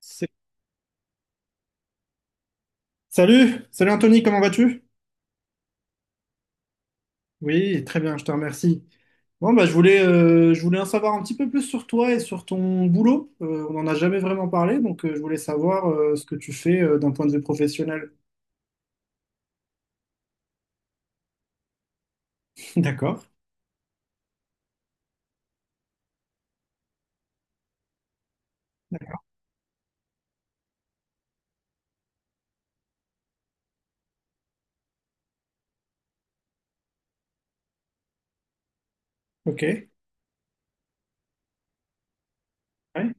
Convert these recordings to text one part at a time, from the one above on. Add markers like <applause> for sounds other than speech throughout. C'est- Salut, salut Anthony, comment vas-tu? Oui, très bien, je te remercie. Bon, bah, je voulais en savoir un petit peu plus sur toi et sur ton boulot. On n'en a jamais vraiment parlé, donc je voulais savoir ce que tu fais d'un point de vue professionnel. <laughs> D'accord, ok. Ouais,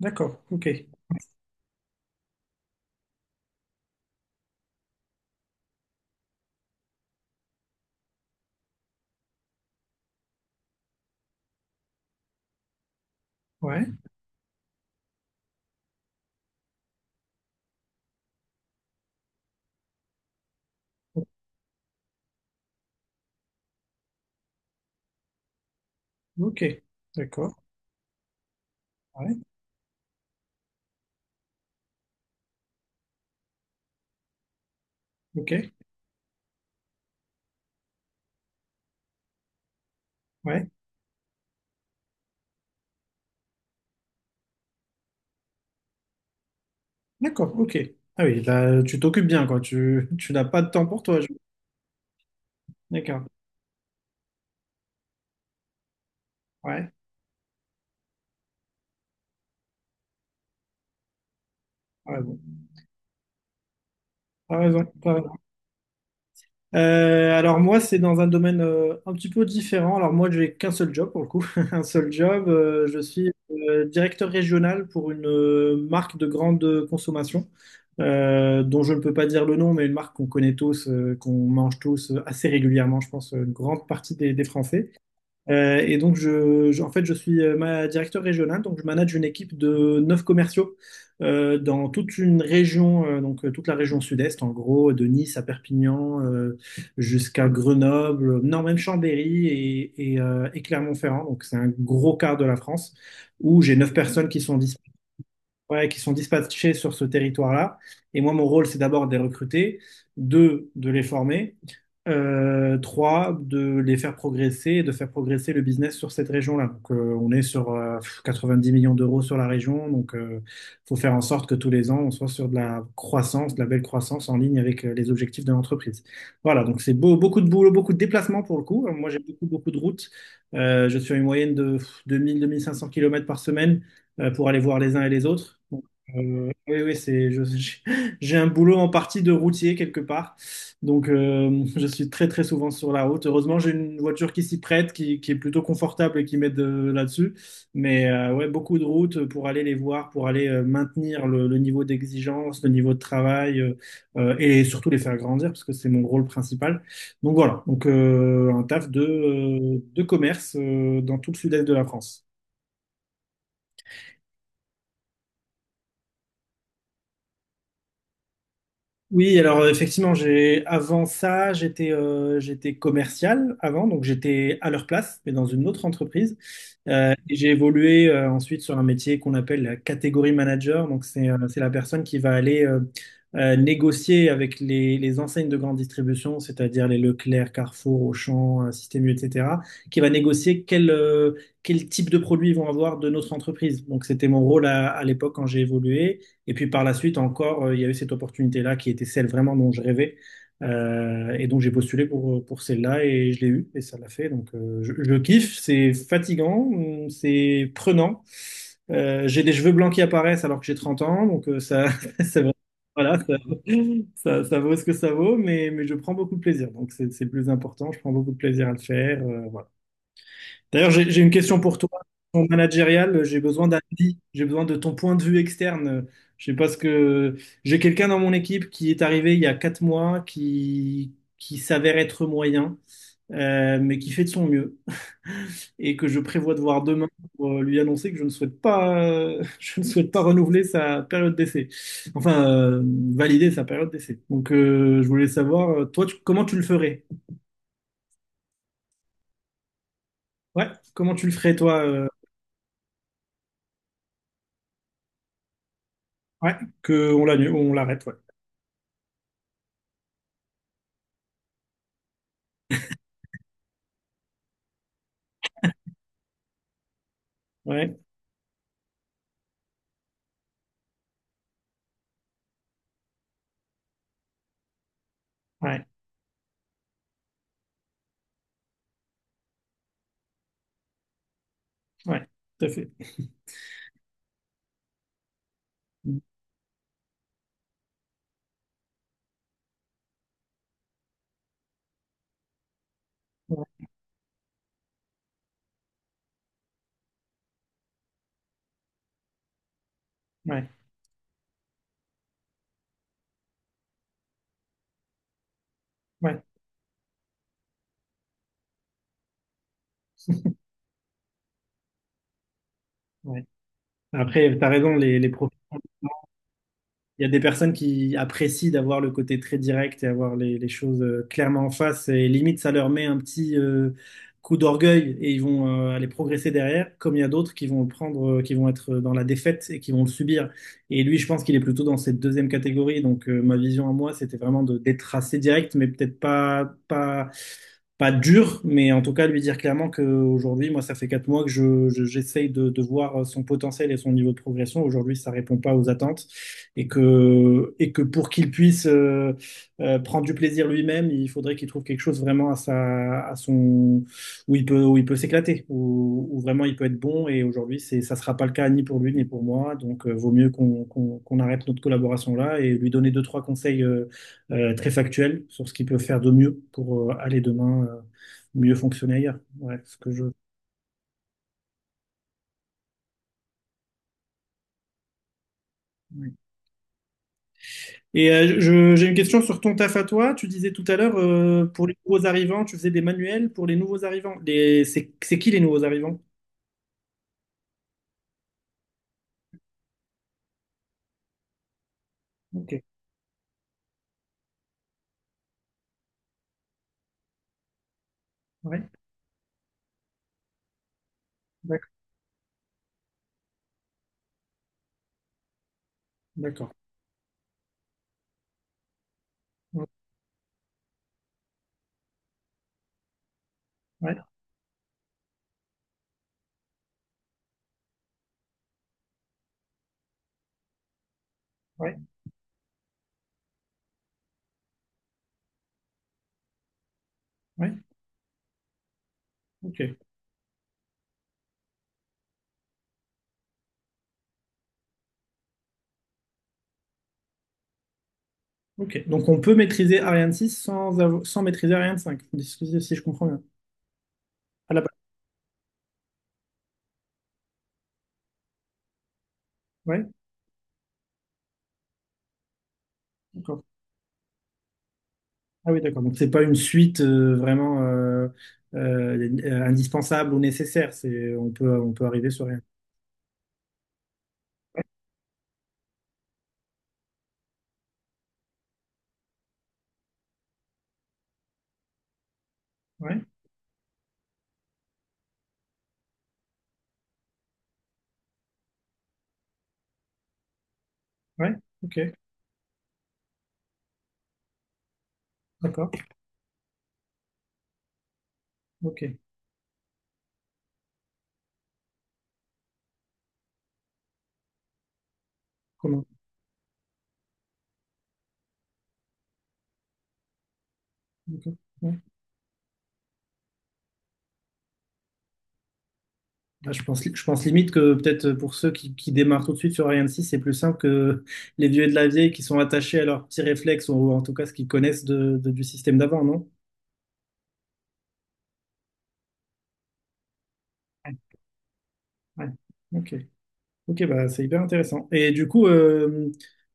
d'accord, ok. Ouais, ok. D'accord, ouais, ok. Ouais, d'accord, ok. Ah oui, là, tu t'occupes bien, quoi. Tu n'as pas de temps pour toi. D'accord, ouais, t'as raison, t'as raison. Alors moi, c'est dans un domaine un petit peu différent. Alors moi, j'ai qu'un seul job pour le coup, <laughs> un seul job. Je suis directeur régional pour une marque de grande consommation, dont je ne peux pas dire le nom, mais une marque qu'on connaît tous, qu'on mange tous assez régulièrement, je pense, une grande partie des Français. Donc, je suis ma directeur régional, donc je manage une équipe de 9 commerciaux dans toute une région, donc toute la région sud-est, en gros, de Nice à Perpignan jusqu'à Grenoble, non, même Chambéry et Clermont-Ferrand, donc c'est un gros quart de la France, où j'ai 9 personnes qui sont disponibles, ouais, qui sont dispatchés sur ce territoire-là. Et moi, mon rôle, c'est d'abord de les recruter, deux, de les former, trois, de les faire progresser et de faire progresser le business sur cette région-là. Donc, on est sur 90 millions d'euros sur la région, donc il faut faire en sorte que tous les ans, on soit sur de la croissance, de la belle croissance en ligne avec les objectifs de l'entreprise. Voilà, donc c'est beaucoup de boulot, beaucoup de déplacements pour le coup. Moi, j'ai beaucoup, beaucoup de routes. Je suis à une moyenne de 2000-2500 km par semaine pour aller voir les uns et les autres. Donc, oui, oui, <laughs> j'ai un boulot en partie de routier quelque part. Donc, je suis très, très souvent sur la route. Heureusement, j'ai une voiture qui s'y prête, qui est plutôt confortable et qui m'aide là-dessus. Mais ouais, beaucoup de routes pour aller les voir, pour aller maintenir le niveau d'exigence, le niveau de travail et surtout les faire grandir parce que c'est mon rôle principal. Donc voilà, donc un taf de commerce dans tout le sud-est de la France. Oui, alors effectivement, j'étais commercial avant, donc j'étais à leur place, mais dans une autre entreprise. Et j'ai évolué ensuite sur un métier qu'on appelle la catégorie manager. Donc c'est la personne qui va aller négocier avec les enseignes de grande distribution, c'est-à-dire les Leclerc, Carrefour, Auchan, Système U, etc., qui va négocier quel type de produits ils vont avoir de notre entreprise. Donc c'était mon rôle à l'époque quand j'ai évolué. Et puis par la suite encore, il y a eu cette opportunité-là qui était celle vraiment dont je rêvais. Et donc j'ai postulé pour celle-là et je l'ai eue et ça l'a fait. Donc je kiffe, c'est fatigant, c'est prenant. J'ai des cheveux blancs qui apparaissent alors que j'ai 30 ans, donc ça, <laughs> c'est vrai. Voilà, ça vaut ce que ça vaut, mais je prends beaucoup de plaisir. Donc c'est le plus important, je prends beaucoup de plaisir à le faire. Voilà. D'ailleurs, j'ai une question pour toi. Ton managérial, j'ai besoin d'un avis, j'ai besoin de ton point de vue externe. Je sais pas ce que j'ai quelqu'un dans mon équipe qui est arrivé il y a 4 mois, qui s'avère être moyen, mais qui fait de son mieux et que je prévois de voir demain pour lui annoncer que je ne souhaite pas, <laughs> je ne souhaite pas renouveler sa période d'essai. Enfin, valider sa période d'essai. Donc, je voulais savoir, comment tu le ferais? Ouais, comment tu le ferais toi? Ouais, que on l'annule, on l'arrête. Ouais. Ouais. Ouais, ouais, tout à fait. Ouais, ouais, ouais. <laughs> Ouais. Après, tu as raison, les profils. Il y a des personnes qui apprécient d'avoir le côté très direct et avoir les choses clairement en face et limite ça leur met un petit coup d'orgueil et ils vont aller progresser derrière, comme il y a d'autres qui vont le prendre, qui vont être dans la défaite et qui vont le subir. Et lui, je pense qu'il est plutôt dans cette deuxième catégorie. Donc ma vision à moi, c'était vraiment de d'être assez direct, mais peut-être pas dur, mais en tout cas lui dire clairement que aujourd'hui, moi, ça fait 4 mois que j'essaye de voir son potentiel et son niveau de progression. Aujourd'hui, ça répond pas aux attentes et que, pour qu'il puisse prendre du plaisir lui-même, il faudrait qu'il trouve quelque chose vraiment à sa, à son, où il peut s'éclater, où vraiment il peut être bon. Et aujourd'hui, ça sera pas le cas ni pour lui ni pour moi. Donc, vaut mieux qu'on arrête notre collaboration là et lui donner deux, trois conseils très factuels sur ce qu'il peut faire de mieux pour aller demain mieux fonctionner ailleurs. Ouais, ce que je. Ouais. Et j'ai une question sur ton taf à toi. Tu disais tout à l'heure, pour les nouveaux arrivants, tu faisais des manuels pour les nouveaux arrivants. C'est qui les nouveaux arrivants? Ok, ouais, d'accord, d'accord. Ouais, ouais, ouais, ok, ok. Donc on peut maîtriser Ariane six sans maîtriser Ariane 5, si je comprends bien. À la base, ouais, d'accord. Ah oui, d'accord. Donc c'est pas une suite vraiment indispensable ou nécessaire. On peut, on peut arriver sur rien. Ouais, ouais, ok, d'accord, ok. Comment? D'accord. Ouais. Ah, je pense limite que peut-être pour ceux qui démarrent tout de suite sur Ariane 6, c'est plus simple que <laughs> les vieux et de la vieille qui sont attachés à leurs petits réflexes, ou en tout cas ce qu'ils connaissent du système d'avant, non? Ouais, ouais. Ok. Ok, bah, c'est hyper intéressant. Et du coup, euh,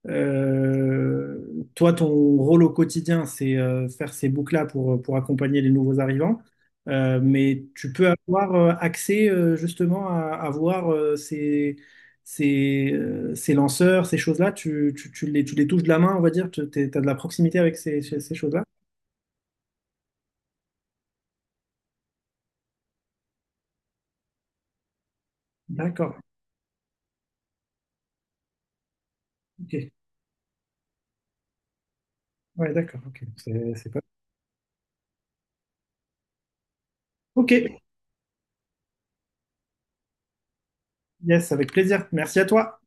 euh, toi, ton rôle au quotidien, c'est faire ces boucles-là pour accompagner les nouveaux arrivants. Mais tu peux avoir accès justement à voir euh, ces lanceurs, ces choses-là, tu les touches de la main, on va dire, tu as de la proximité avec ces choses-là. D'accord, ok. Ouais, d'accord, ok. C'est pas... Ok, yes, avec plaisir. Merci à toi.